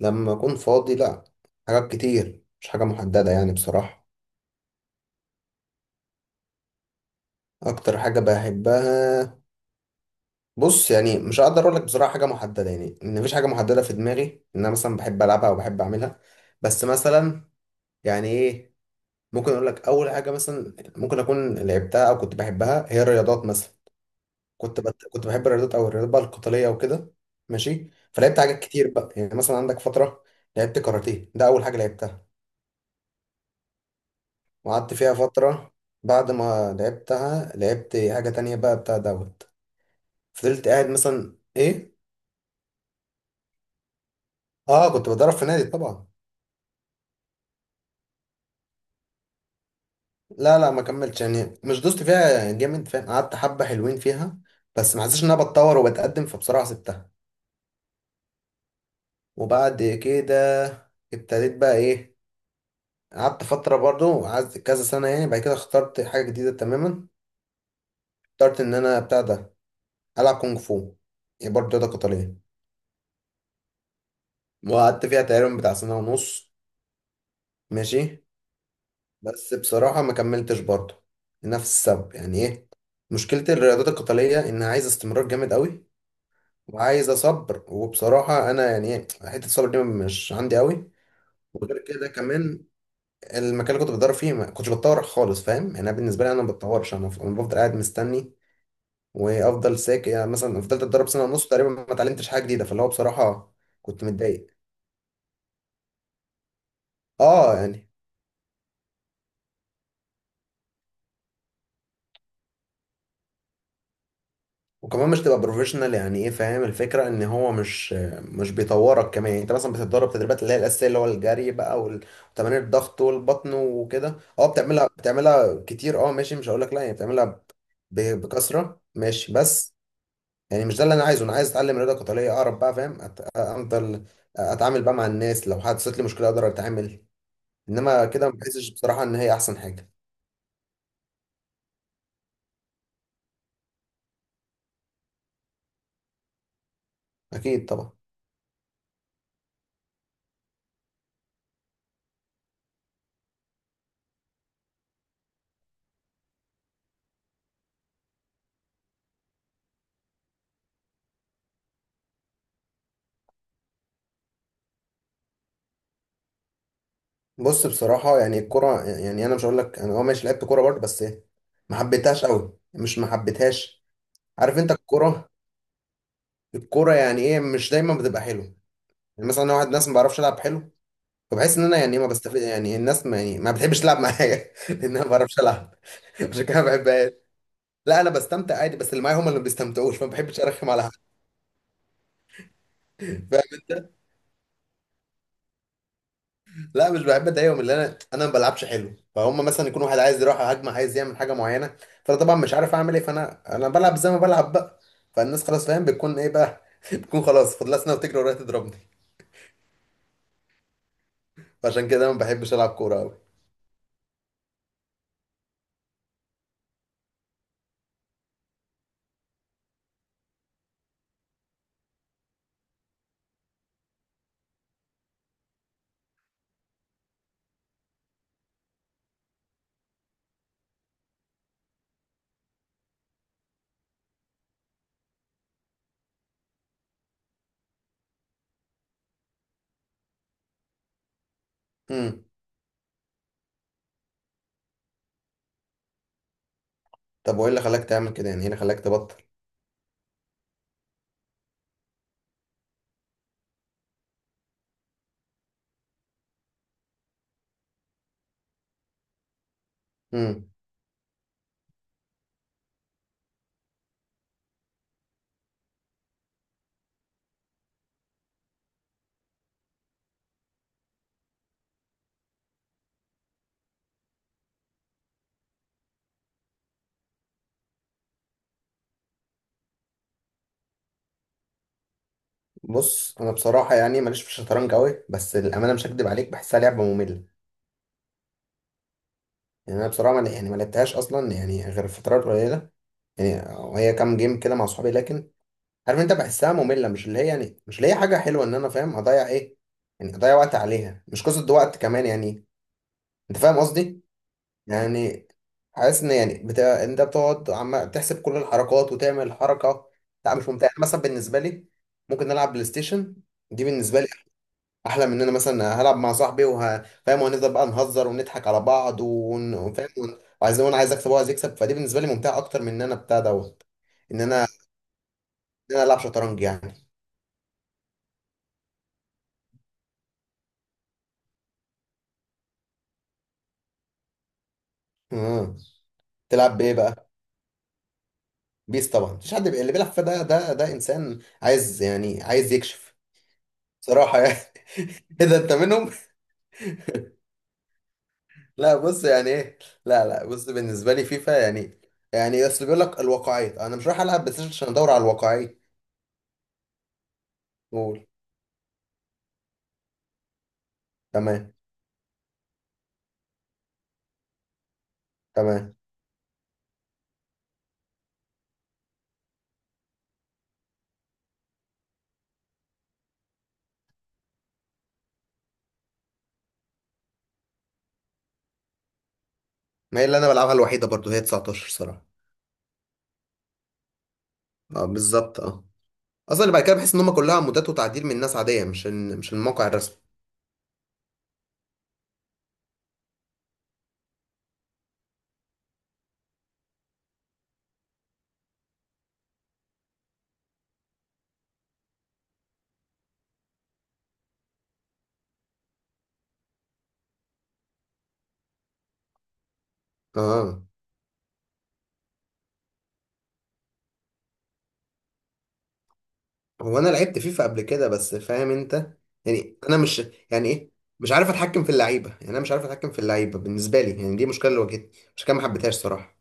لما أكون فاضي لأ. حاجات كتير مش حاجة محددة يعني بصراحة. أكتر حاجة بحبها، بص، يعني مش هقدر أقولك بصراحة حاجة محددة، يعني إن مفيش حاجة محددة في دماغي إن أنا مثلا بحب ألعبها أو بحب أعملها. بس مثلا، يعني إيه، ممكن أقولك أول حاجة مثلا ممكن أكون لعبتها أو كنت بحبها هي الرياضات مثلا. كنت بحب الرياضات، أو الرياضات بقى القتالية وكده. ماشي، فلعبت حاجات كتير بقى، يعني مثلا عندك فترة لعبت كاراتيه، ده أول حاجة لعبتها، وقعدت فيها فترة. بعد ما لعبتها لعبت حاجة تانية بقى بتاع دوت. فضلت قاعد مثلا ايه. اه، كنت بتدرب في نادي طبعا. لا لا، ما كملتش، يعني مش دوست فيها جامد، فاهم، قعدت حبة حلوين فيها، بس ما حسيتش ان انا بتطور وبتقدم، فبصراحة سبتها. وبعد كده ابتديت بقى ايه، قعدت فترة برضو، قعدت كذا سنة، يعني بعد كده اخترت حاجة جديدة تماما. اخترت ان انا بتاع ده، العب كونج فو، يعني برضه رياضة قتالية. وقعدت فيها تقريبا بتاع سنة ونص. ماشي، بس بصراحة ما كملتش برضه لنفس السبب، يعني ايه، مشكلة الرياضات القتالية انها عايزة استمرار جامد قوي، وعايزة صبر، وبصراحة انا يعني ايه حتة الصبر دي مش عندي قوي. وغير كده كمان، المكان اللي كنت بتدرب فيه ما كنتش بتطور خالص، فاهم، يعني أنا بالنسبة لي انا ما بتطورش، أنا بفضل قاعد مستني وافضل ساكت، يعني مثلا فضلت اتدرب سنة ونص تقريبا ما اتعلمتش حاجة جديدة، فاللي هو بصراحة كنت متضايق. اه يعني، وكمان مش تبقى بروفيشنال، يعني ايه، فاهم الفكره ان هو مش بيطورك كمان، يعني انت مثلا بتتدرب تدريبات اللي هي الاساسيه، اللي هو الجري بقى، وتمارين الضغط والبطن وكده، اه بتعملها بتعملها كتير، اه ماشي، مش هقول لك لا يعني بتعملها، بكثره، ماشي، بس يعني مش ده اللي انا عايزه، انا عايز اتعلم رياضه قتاليه اقرب بقى، فاهم، افضل اتعامل بقى مع الناس، لو حدثت لي مشكله اقدر اتعامل. انما كده ما بحسش بصراحه ان هي احسن حاجه. اكيد طبعا. بص بصراحة يعني الكرة، يعني أنا مش هقول لك، أنا أه ماشي لعبت كورة برضه، بس ما حبيتهاش قوي، مش ما حبيتهاش، عارف أنت الكورة، الكورة يعني إيه مش دايما بتبقى حلوة. يعني مثلا أنا واحد ناس ما بعرفش ألعب حلو، فبحس إن أنا يعني إيه ما بستفيد، يعني الناس ما يعني ما بتحبش تلعب معايا لأن أنا ما بعرفش ألعب عشان كده ما بحبهاش. لا أنا بستمتع عادي، بس اللي معايا هم اللي ما بيستمتعوش، فما بحبش أرخم على حد. لا مش بحب اضايقهم، اللي انا، ما بلعبش حلو، فهم مثلا يكون واحد عايز يروح هجمه عايز يعمل حاجه معينه، فانا طبعا مش عارف اعمل ايه، فانا بلعب زي ما بلعب بقى، فالناس خلاص فاهم بتكون ايه بقى بتكون خلاص فاضلها سنه وتجري ورايا تضربني. فعشان كده انا ما بحبش العب كوره قوي. امم. طب وايه اللي خلاك تعمل كده، يعني ايه اللي خلاك تبطل؟ امم. بص انا بصراحه يعني ماليش في الشطرنج قوي، بس الامانه مش هكدب عليك بحسها لعبه ممله. يعني انا بصراحه، يعني ما لعبتهاش اصلا يعني، غير فترات قليله يعني، هي كام جيم كده مع اصحابي، لكن عارف انت بحسها ممله، مش اللي هي يعني، مش اللي هي حاجه حلوه ان انا، فاهم، اضيع ايه، يعني اضيع وقت عليها، مش قصه ده، وقت كمان يعني، انت فاهم قصدي. يعني حاسس ان يعني بتاع انت بتقعد عم تحسب كل الحركات وتعمل حركه. لا مش ممتع، يعني مثلا بالنسبه لي ممكن نلعب بلاي ستيشن، دي بالنسبه لي احلى من ان انا مثلا هلعب مع صاحبي، فاهم، وهنفضل بقى نهزر ونضحك على بعض، وفاهم، وعايز، وانا عايز اكسب وعايز يكسب، فدي بالنسبه لي ممتعه اكتر من ان انا بتاع دوت ان انا ان انا العب شطرنج. يعني تلعب بايه بقى؟ بيس طبعا، مفيش حد اللي بيلعب فيها ده ده انسان عايز يعني عايز يكشف صراحه يعني. اذا انت منهم. لا بص يعني ايه، لا لا بص بالنسبه لي فيفا يعني، يعني اصل بيقول لك الواقعيه، انا مش رايح العب بلاي ستيشن عشان ادور على الواقعيه. قول. تمام. تمام. ما هي اللي انا بلعبها الوحيده برضو هي 19 صراحه. اه بالظبط اه. اصلا اللي بعد كده بحس ان هم كلها مودات وتعديل من ناس عاديه، مش الموقع الرسمي. اه. هو انا لعبت فيفا قبل كده، بس فاهم انت، يعني انا مش، يعني ايه، مش عارف اتحكم في اللعيبه، يعني انا مش عارف اتحكم في اللعيبه بالنسبه لي، يعني دي مشكله اللي واجهتني، مش كده ما حبيتهاش صراحه.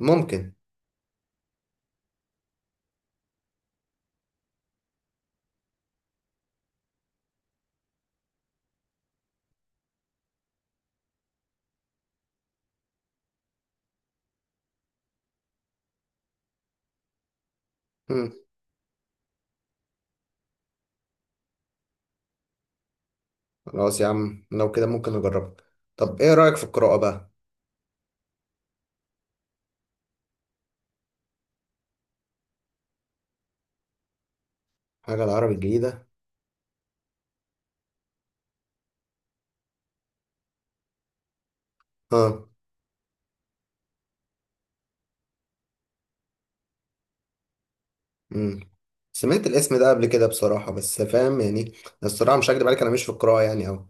ممكن. مم. خلاص يا عم، لو كده ممكن اجربها. طب ايه رايك في القراءه بقى؟ حاجه العربي الجديده. اه. مم. سمعت الاسم ده قبل كده بصراحه، بس فاهم يعني، الصراحه مش هكدب عليك انا مش في القراءه يعني اوي.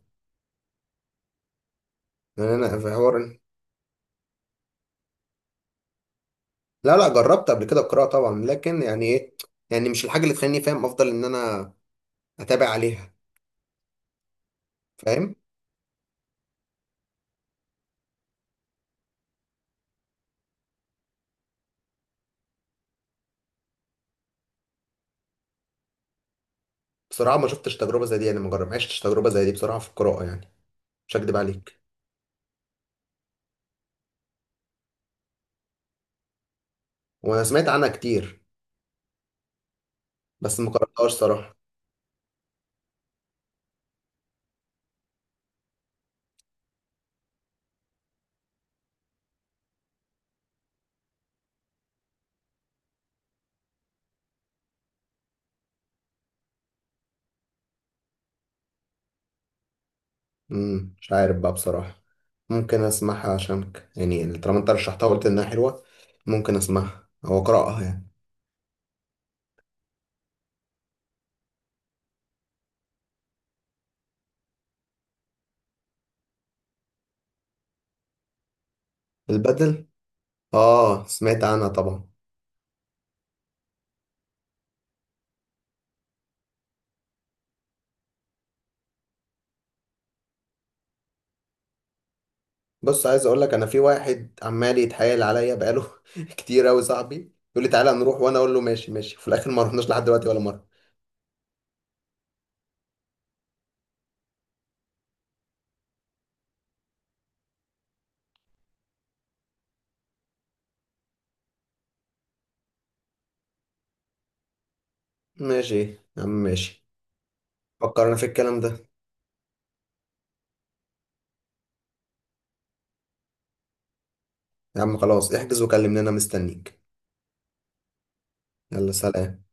يعني انا في حوار، لا لا جربت قبل كده القراءه طبعا، لكن يعني ايه، يعني مش الحاجه اللي تخليني فاهم افضل ان انا اتابع عليها، فاهم. بصراحه ما شفتش تجربه زي دي، انا ما عشتش تجربه زي دي بصراحه في القراءه يعني، مش هكدب عليك. وانا سمعت عنها كتير، بس ما قراتهاش صراحه. امم، مش عارف بقى بصراحه، ممكن اسمعها عشانك يعني، طالما انت رشحتها وقلت انها حلوه، ممكن اسمعها او اقراها يعني. البدل؟ اه سمعت عنها طبعا. بص عايز اقول لك، انا في واحد عمال يتحايل عليا بقاله كتير قوي، صاحبي، يقول لي تعالى نروح، وانا اقول له ماشي ماشي، في الاخر ما رحناش لحد دلوقتي ولا مره. ماشي إيه يا عم، ماشي، فكرنا في الكلام ده. يا عم خلاص احجز وكلمني، انا مستنيك. يلا سلام.